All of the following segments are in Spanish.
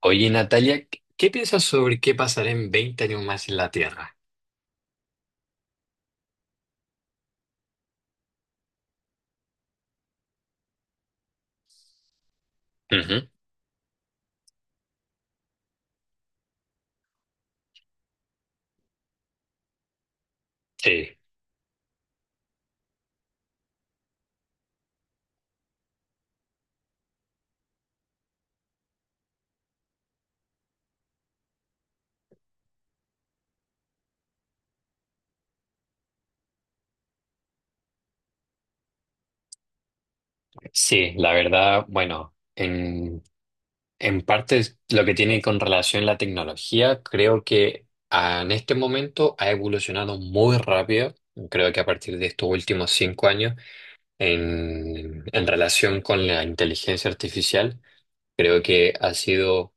Oye, Natalia, ¿¿qué piensas sobre qué pasará en 20 años más en la Tierra? Ujú. Sí, sí, la verdad, bueno, en parte es lo que tiene con relación a la tecnología, creo que en este momento ha evolucionado muy rápido. Creo que a partir de estos últimos 5 años, en relación con la inteligencia artificial, creo que ha sido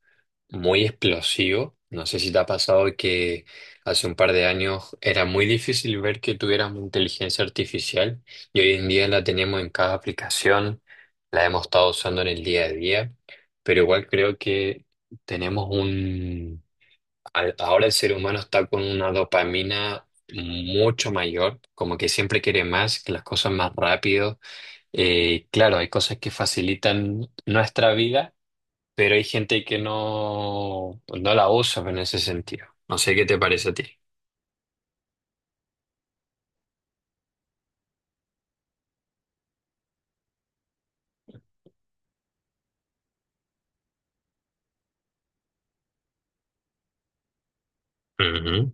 muy explosivo. No sé si te ha pasado que hace un par de años era muy difícil ver que tuviéramos inteligencia artificial y hoy en día la tenemos en cada aplicación, la hemos estado usando en el día a día, pero igual creo que tenemos un... Ahora el ser humano está con una dopamina mucho mayor, como que siempre quiere más, que las cosas más rápido. Claro, hay cosas que facilitan nuestra vida, pero hay gente que no, pues no la usa en ese sentido. No sé qué te parece a ti. Ujú.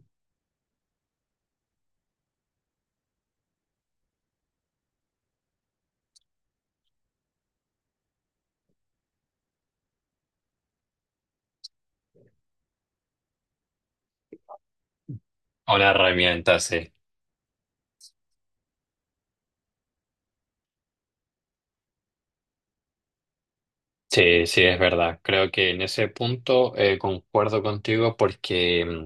Una herramienta, sí. Sí, sí, es verdad. Creo que en ese punto concuerdo contigo porque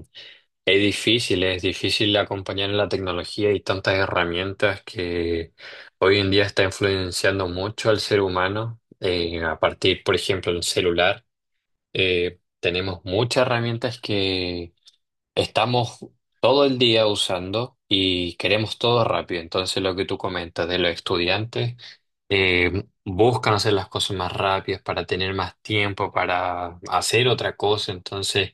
es difícil acompañar en la tecnología y tantas herramientas que hoy en día está influenciando mucho al ser humano. A partir, por ejemplo, del celular, tenemos muchas herramientas que estamos todo el día usando, y queremos todo rápido. Entonces, lo que tú comentas de los estudiantes, buscan hacer las cosas más rápidas para tener más tiempo para hacer otra cosa. Entonces,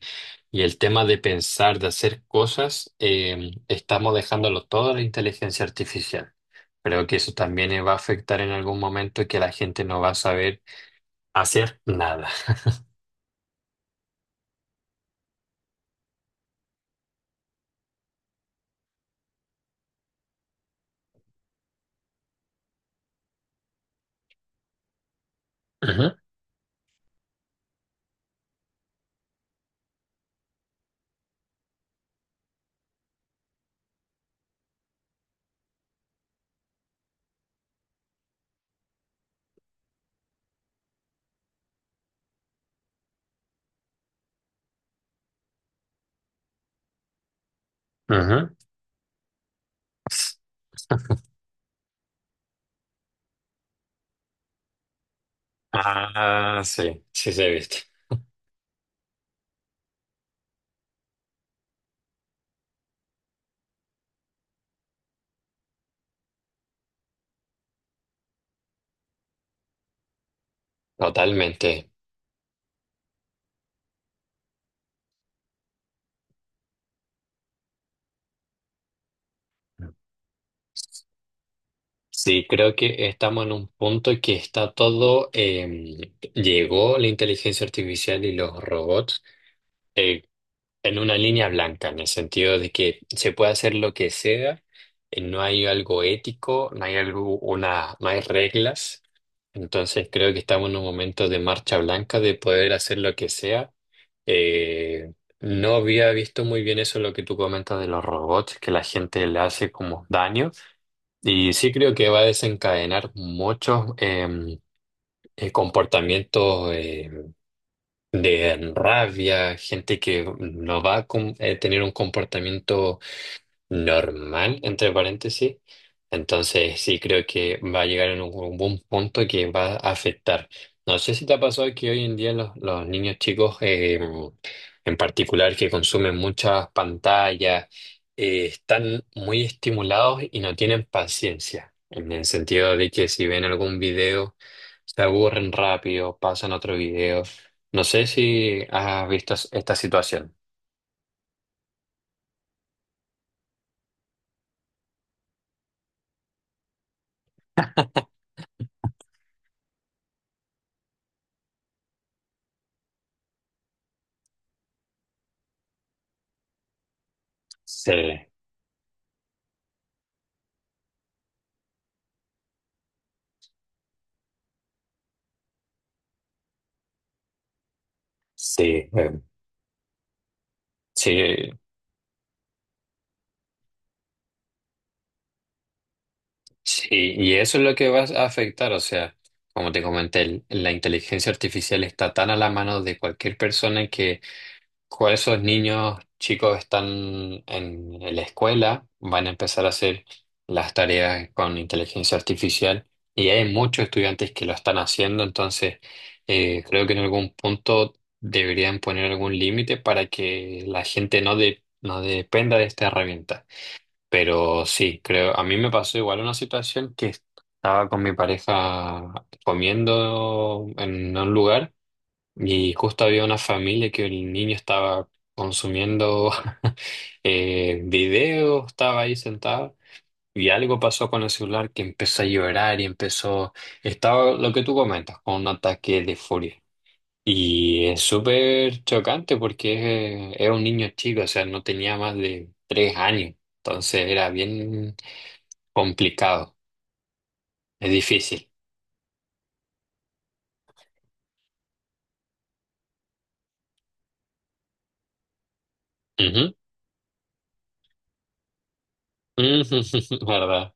y el tema de pensar, de hacer cosas, estamos dejándolo todo a la inteligencia artificial. Creo que eso también va a afectar en algún momento que la gente no va a saber hacer nada. Ujú, ujú. Ah, sí, sí se viste. Totalmente. Sí, creo que estamos en un punto que está todo, llegó la inteligencia artificial y los robots eh, en una línea blanca, en el sentido de que se puede hacer lo que sea, no hay algo ético, no hay algo, una, no hay reglas. Entonces creo que estamos en un momento de marcha blanca de poder hacer lo que sea. Eh, no había visto muy bien eso lo que tú comentas de los robots, que la gente le hace como daño. Y sí creo que va a desencadenar muchos comportamientos de rabia, gente que no va a tener un comportamiento normal, entre paréntesis. Entonces, sí, creo que va a llegar en un buen punto que va a afectar. No sé si te ha pasado que hoy en día los niños chicos, en particular, que consumen muchas pantallas, están muy estimulados y no tienen paciencia, en el sentido de que si ven algún video, se aburren rápido, pasan a otro video. No sé si has visto esta situación. Sí, sí, sí. Sí, y eso es lo que va a afectar, o sea, como te comenté, la inteligencia artificial está tan a la mano de cualquier persona que cuando esos niños chicos están en la escuela, van a empezar a hacer las tareas con inteligencia artificial, y hay muchos estudiantes que lo están haciendo. Entonces, creo que en algún punto deberían poner algún límite para que la gente no, no dependa de esta herramienta. Pero sí, creo, a mí me pasó igual una situación que estaba con mi pareja comiendo en un lugar y justo había una familia que el niño estaba consumiendo videos, estaba ahí sentado y algo pasó con el celular que empezó a llorar y empezó, estaba lo que tú comentas, con un ataque de furia. Y es súper chocante porque es un niño chico, o sea, no tenía más de 3 años. Entonces era bien complicado, es difícil. Ujú, ujú, ¿verdad?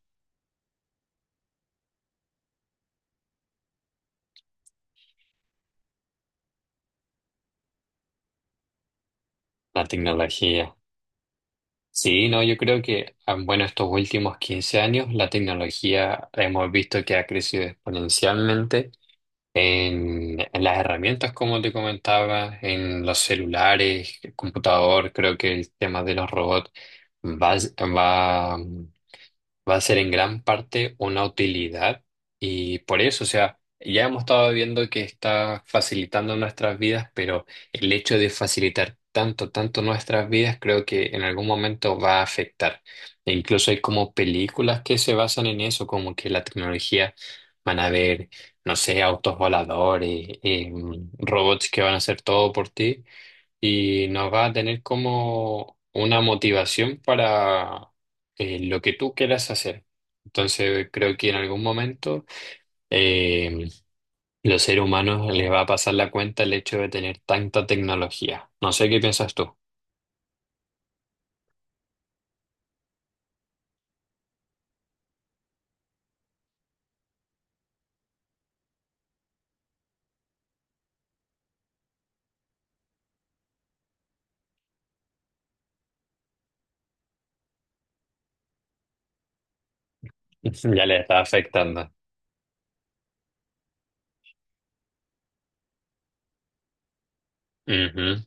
La tecnología. Sí, no, yo creo que, bueno, estos últimos 15 años la tecnología hemos visto que ha crecido exponencialmente en las herramientas, como te comentaba, en los celulares, el computador, creo que el tema de los robots va, va va a ser en gran parte una utilidad, y por eso, o sea, ya hemos estado viendo que está facilitando nuestras vidas, pero el hecho de facilitar tanto, tanto nuestras vidas, creo que en algún momento va a afectar. E incluso hay como películas que se basan en eso, como que la tecnología van a ver, no sé, autos voladores, robots que van a hacer todo por ti y nos va a tener como una motivación para lo que tú quieras hacer. Entonces creo que en algún momento eh, los seres humanos les va a pasar la cuenta el hecho de tener tanta tecnología. No sé qué piensas tú. Ya les está afectando. Ujú,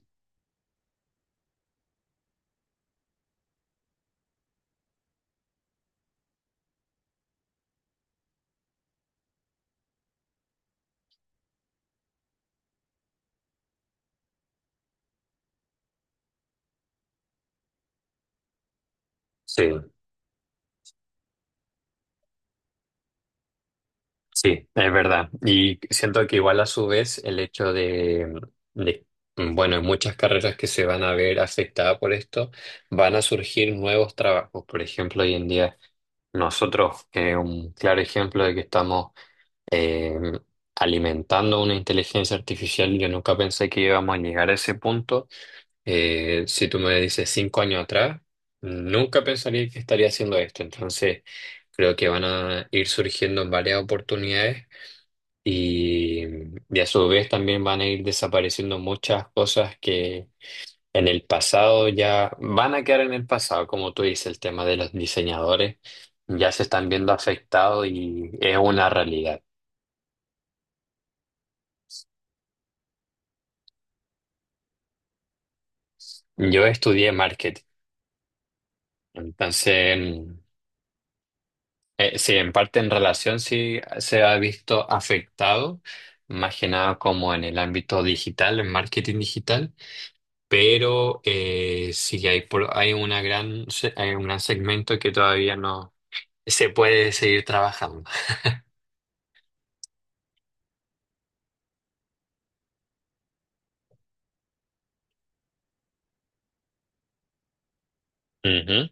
sí. Sí, es verdad. Y siento que igual a su vez el hecho de, bueno, en muchas carreras que se van a ver afectadas por esto, van a surgir nuevos trabajos. Por ejemplo, hoy en día nosotros, un claro ejemplo de que estamos eh, alimentando una inteligencia artificial, yo nunca pensé que íbamos a llegar a ese punto. Si tú me dices 5 años atrás, nunca pensaría que estaría haciendo esto. Entonces, creo que van a ir surgiendo varias oportunidades y, y a su vez también van a ir desapareciendo muchas cosas que en el pasado ya van a quedar en el pasado, como tú dices, el tema de los diseñadores ya se están viendo afectados y es una realidad. Yo estudié marketing, entonces sí, en parte en relación sí se ha visto afectado, más que nada como en el ámbito digital, en marketing digital, pero sí hay, hay una gran, hay un gran segmento que todavía no se puede seguir trabajando. Ujú.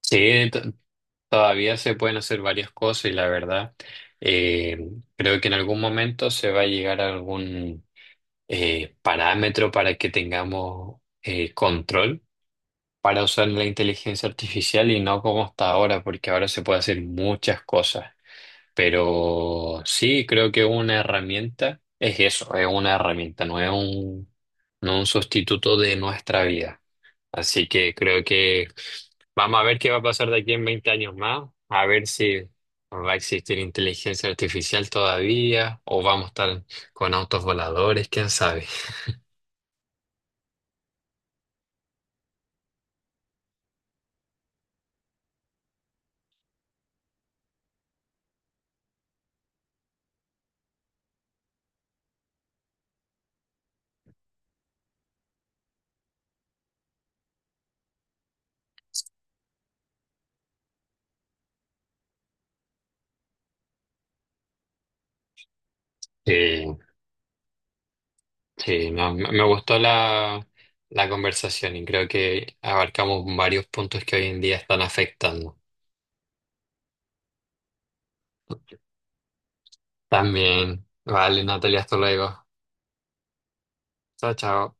Sí, todavía se pueden hacer varias cosas, y la verdad, eh, creo que en algún momento se va a llegar a algún parámetro para que tengamos control para usar la inteligencia artificial y no como hasta ahora, porque ahora se puede hacer muchas cosas. Pero sí, creo que una herramienta es eso, es una herramienta, no es un, no un sustituto de nuestra vida. Así que creo que vamos a ver qué va a pasar de aquí en 20 años más, a ver si va a existir inteligencia artificial todavía o vamos a estar con autos voladores, quién sabe. Sí, sí, no, me gustó la, la conversación y creo que abarcamos varios puntos que hoy en día están afectando. También. Vale, Natalia, hasta luego. Chao, chao.